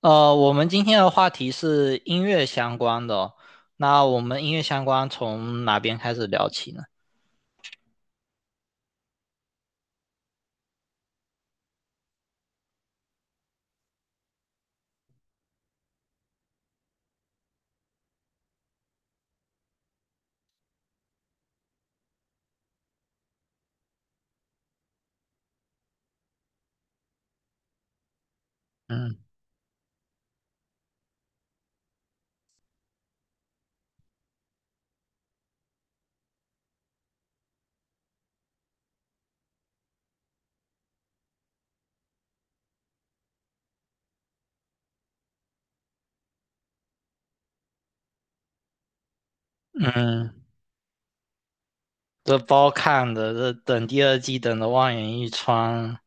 我们今天的话题是音乐相关的哦。那我们音乐相关从哪边开始聊起呢？嗯嗯，这包看的，这等第二季等的望眼欲穿。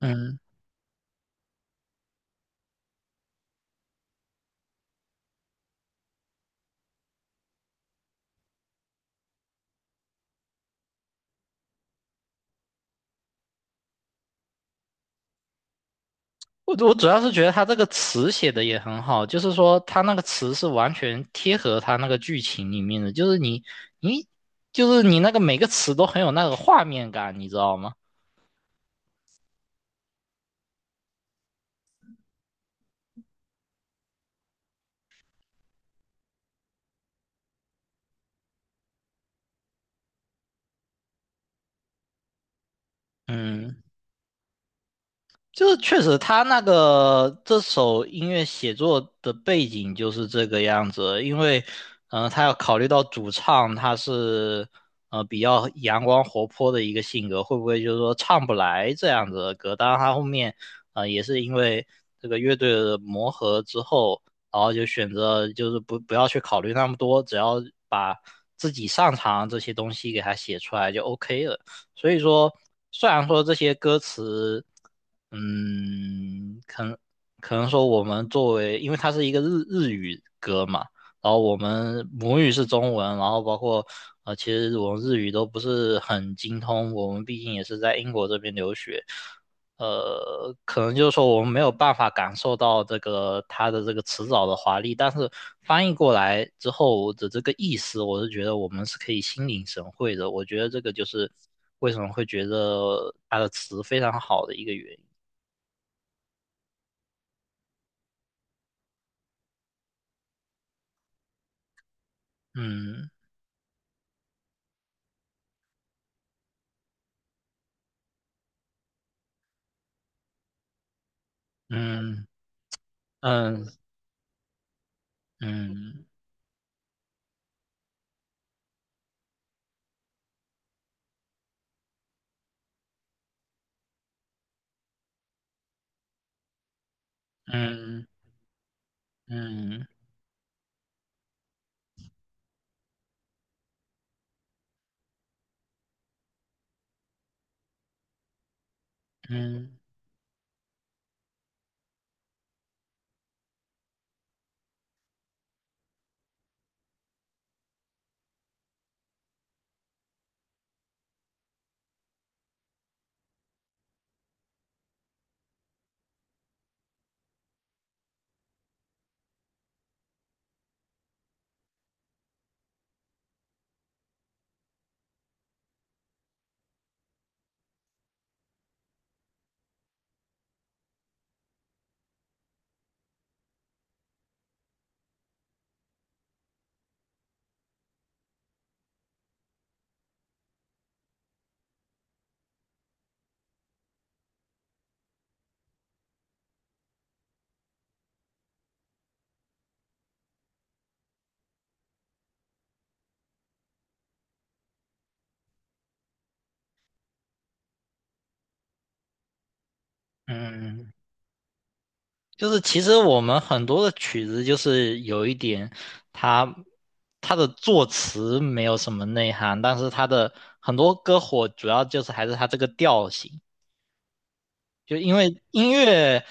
嗯，我主要是觉得他这个词写的也很好，就是说他那个词是完全贴合他那个剧情里面的，就是你就是你那个每个词都很有那个画面感，你知道吗？嗯。就是确实，他那个这首音乐写作的背景就是这个样子，因为，他要考虑到主唱他是，比较阳光活泼的一个性格，会不会就是说唱不来这样子的歌？当然，他后面，也是因为这个乐队的磨合之后，然后就选择就是不要去考虑那么多，只要把自己擅长这些东西给他写出来就 OK 了。所以说，虽然说这些歌词。嗯，可能可能说我们作为，因为它是一个日语歌嘛，然后我们母语是中文，然后包括其实我们日语都不是很精通，我们毕竟也是在英国这边留学，可能就是说我们没有办法感受到这个它的这个词藻的华丽，但是翻译过来之后的这个意思，我是觉得我们是可以心领神会的，我觉得这个就是为什么会觉得它的词非常好的一个原因。嗯嗯嗯嗯嗯嗯嗯嗯，就是其实我们很多的曲子，就是有一点它它的作词没有什么内涵，但是它的很多歌火主要就是还是它这个调性，就因为音乐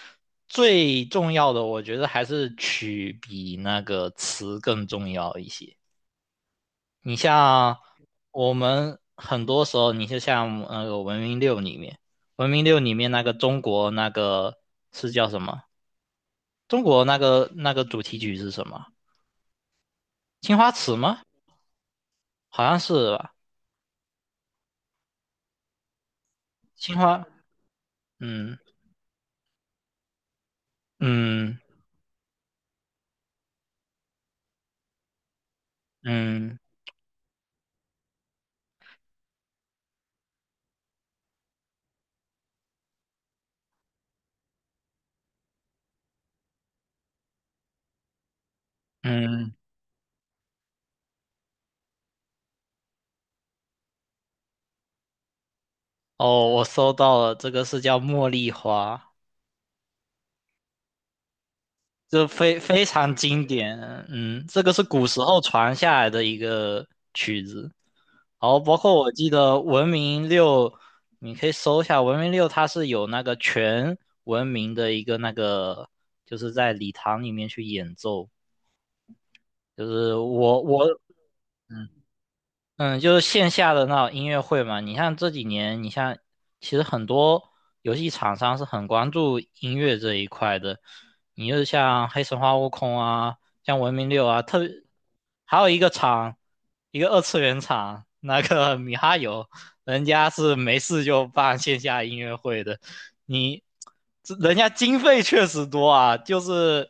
最重要的，我觉得还是曲比那个词更重要一些。你像我们很多时候，你就像那个《文明六》里面，《文明六》里面那个中国那个是叫什么？中国那个主题曲是什么？青花瓷吗？好像是吧。青花，嗯嗯嗯嗯。哦，我搜到了，这个是叫茉莉花。就非常经典。嗯，这个是古时候传下来的一个曲子，然后包括我记得《文明六》，你可以搜一下《文明六》，它是有那个全文明的一个那个，就是在礼堂里面去演奏，就是我。嗯，就是线下的那种音乐会嘛。你像这几年，你像其实很多游戏厂商是很关注音乐这一块的。你就像黑神话悟空啊，像文明六啊，特别还有一个厂，一个二次元厂，那个米哈游，人家是没事就办线下音乐会的。你这人家经费确实多啊，就是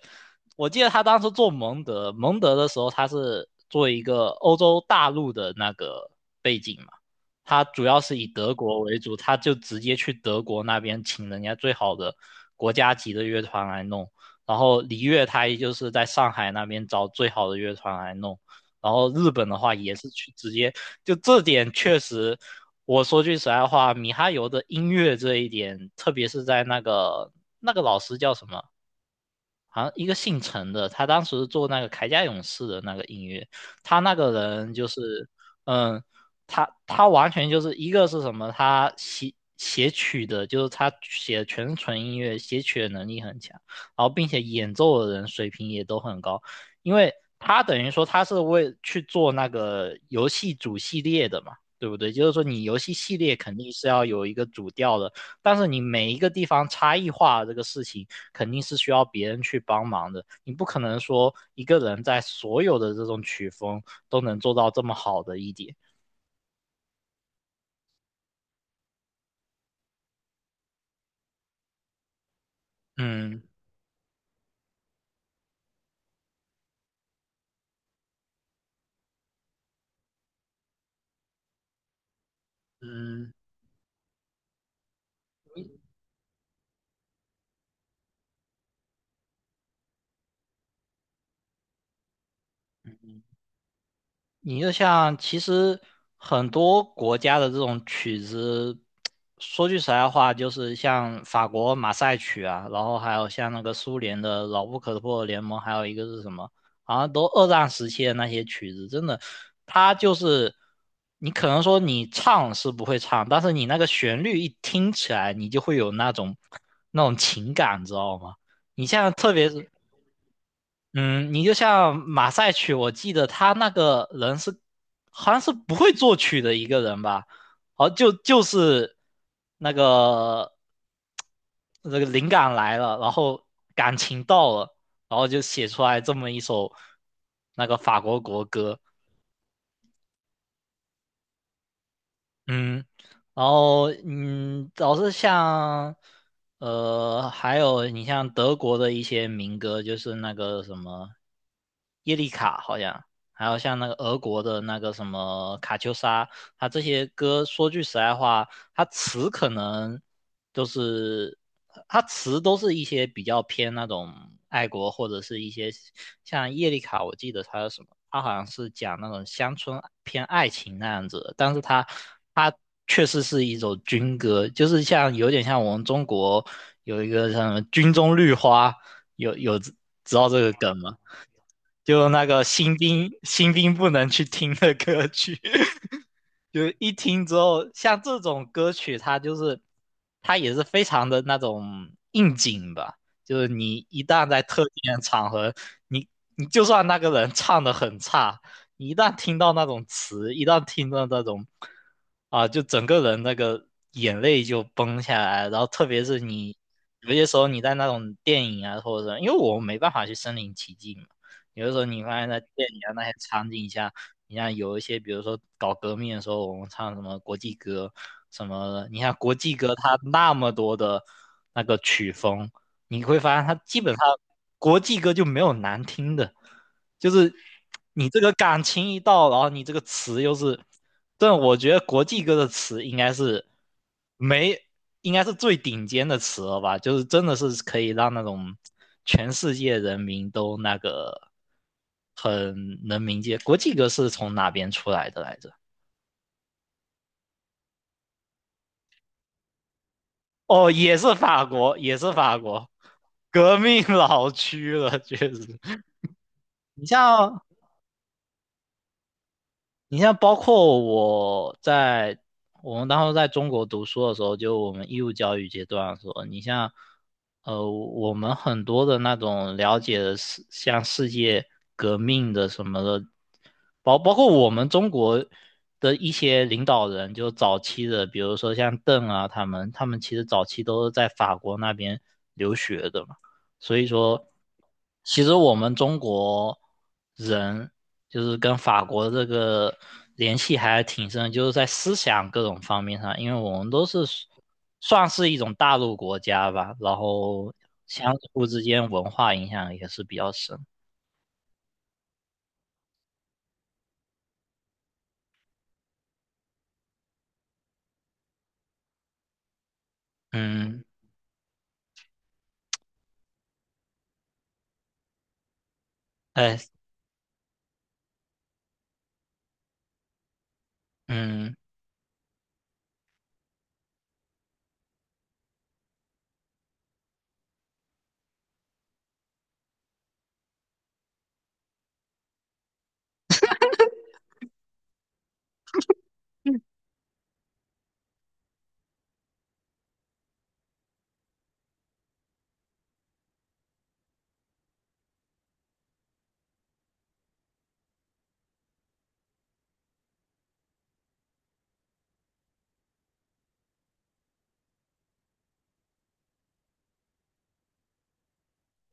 我记得他当时做蒙德，蒙德的时候他是做一个欧洲大陆的那个背景嘛，他主要是以德国为主，他就直接去德国那边请人家最好的国家级的乐团来弄，然后璃乐他也就是在上海那边找最好的乐团来弄。然后日本的话也是去直接，就这点确实我说句实在话，米哈游的音乐这一点，特别是在那个老师叫什么好像一个姓陈的，他当时做那个铠甲勇士的那个音乐，他那个人就是，嗯，他完全就是一个是什么，他写曲的，就是他写的全是纯音乐，写曲的能力很强，然后并且演奏的人水平也都很高，因为他等于说他是为去做那个游戏主系列的嘛，对不对？就是说你游戏系列肯定是要有一个主调的。但是你每一个地方差异化这个事情，肯定是需要别人去帮忙的。你不可能说一个人在所有的这种曲风都能做到这么好的一点。嗯嗯，你就像其实很多国家的这种曲子，说句实在话，就是像法国马赛曲啊，然后还有像那个苏联的《牢不可破的联盟》，还有一个是什么，好像都二战时期的那些曲子，真的，它就是你可能说你唱是不会唱，但是你那个旋律一听起来，你就会有那种那种情感，知道吗？你像特别是。嗯，你就像马赛曲，我记得他那个人是好像是不会作曲的一个人吧？好，就是那个那个灵感来了，然后感情到了，然后就写出来这么一首那个法国国歌。嗯。然后老是像还有你像德国的一些民歌，就是那个什么耶利卡，好像还有像那个俄国的那个什么卡秋莎，它这些歌，说句实在话，它词可能就是它词都是一些比较偏那种爱国或者是一些像叶丽卡，我记得他什么，他好像是讲那种乡村偏爱情那样子但是他他确实是一首军歌，就是像有点像我们中国有一个像什么"军中绿花"，有知道这个梗吗？就那个新兵不能去听的歌曲，就一听之后，像这种歌曲，它就是它也是非常的那种应景吧，就是你一旦在特定的场合，你你就算那个人唱的很差，你一旦听到那种词，一旦听到那种啊，就整个人那个眼泪就崩下来，然后特别是你。有些时候你在那种电影啊，或者什么因为我们没办法去身临其境嘛，有的时候你发现在电影啊那些场景下，你像有一些，比如说搞革命的时候，我们唱什么国际歌什么的，你看国际歌它那么多的那个曲风，你会发现它基本上国际歌就没有难听的。就是你这个感情一到，然后你这个词又是，但我觉得国际歌的词应该是没，应该是最顶尖的词了吧？就是真的是可以让那种全世界人民都那个很能明解。国际歌是从哪边出来的来着？哦，也是法国，也是法国，革命老区了，确实。你像你像包括我在我们当时在中国读书的时候，就我们义务教育阶段的时候，你像我们很多的那种了解的像世界革命的什么的，包括我们中国的一些领导人，就早期的，比如说像邓啊，他们其实早期都是在法国那边留学的嘛。所以说，其实我们中国人就是跟法国这个联系还挺深的就是在思想各种方面上，因为我们都是算是一种大陆国家吧，然后相互之间文化影响也是比较深。嗯，哎，嗯，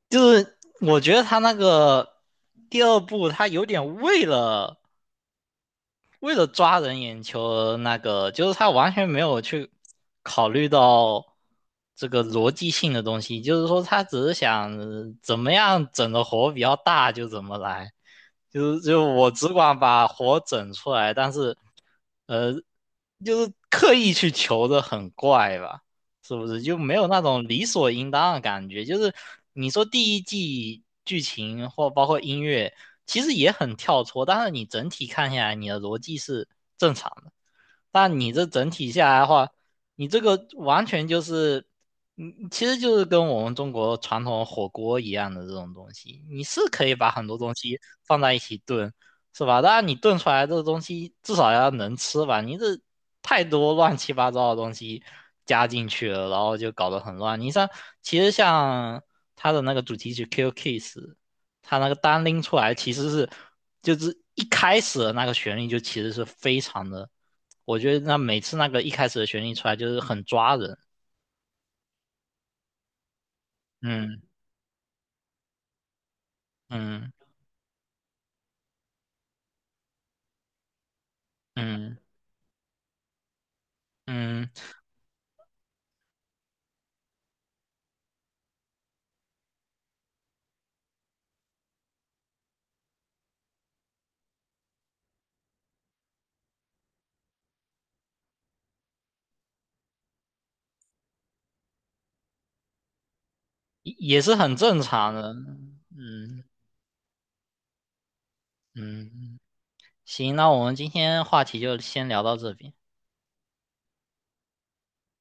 就是我觉得他那个第二部，他有点为了抓人眼球而那个，就是他完全没有去考虑到这个逻辑性的东西，就是说他只是想怎么样整的活比较大就怎么来，就是就我只管把活整出来，但是呃就是刻意去求的很怪吧，是不是？就没有那种理所应当的感觉。就是你说第一季剧情或包括音乐，其实也很跳脱，但是你整体看下来，你的逻辑是正常的。但你这整体下来的话，你这个完全就是，嗯，其实就是跟我们中国传统火锅一样的这种东西，你是可以把很多东西放在一起炖，是吧？当然你炖出来这个东西至少要能吃吧，你这太多乱七八糟的东西加进去了，然后就搞得很乱。你像其实像它的那个主题曲《k i Kiss》，它那个单拎出来其实是就是一开始的那个旋律就其实是非常的。我觉得那每次那个一开始的旋律出来就是很抓人，嗯嗯嗯嗯，也是很正常的。嗯嗯。嗯，行，那我们今天话题就先聊到这边。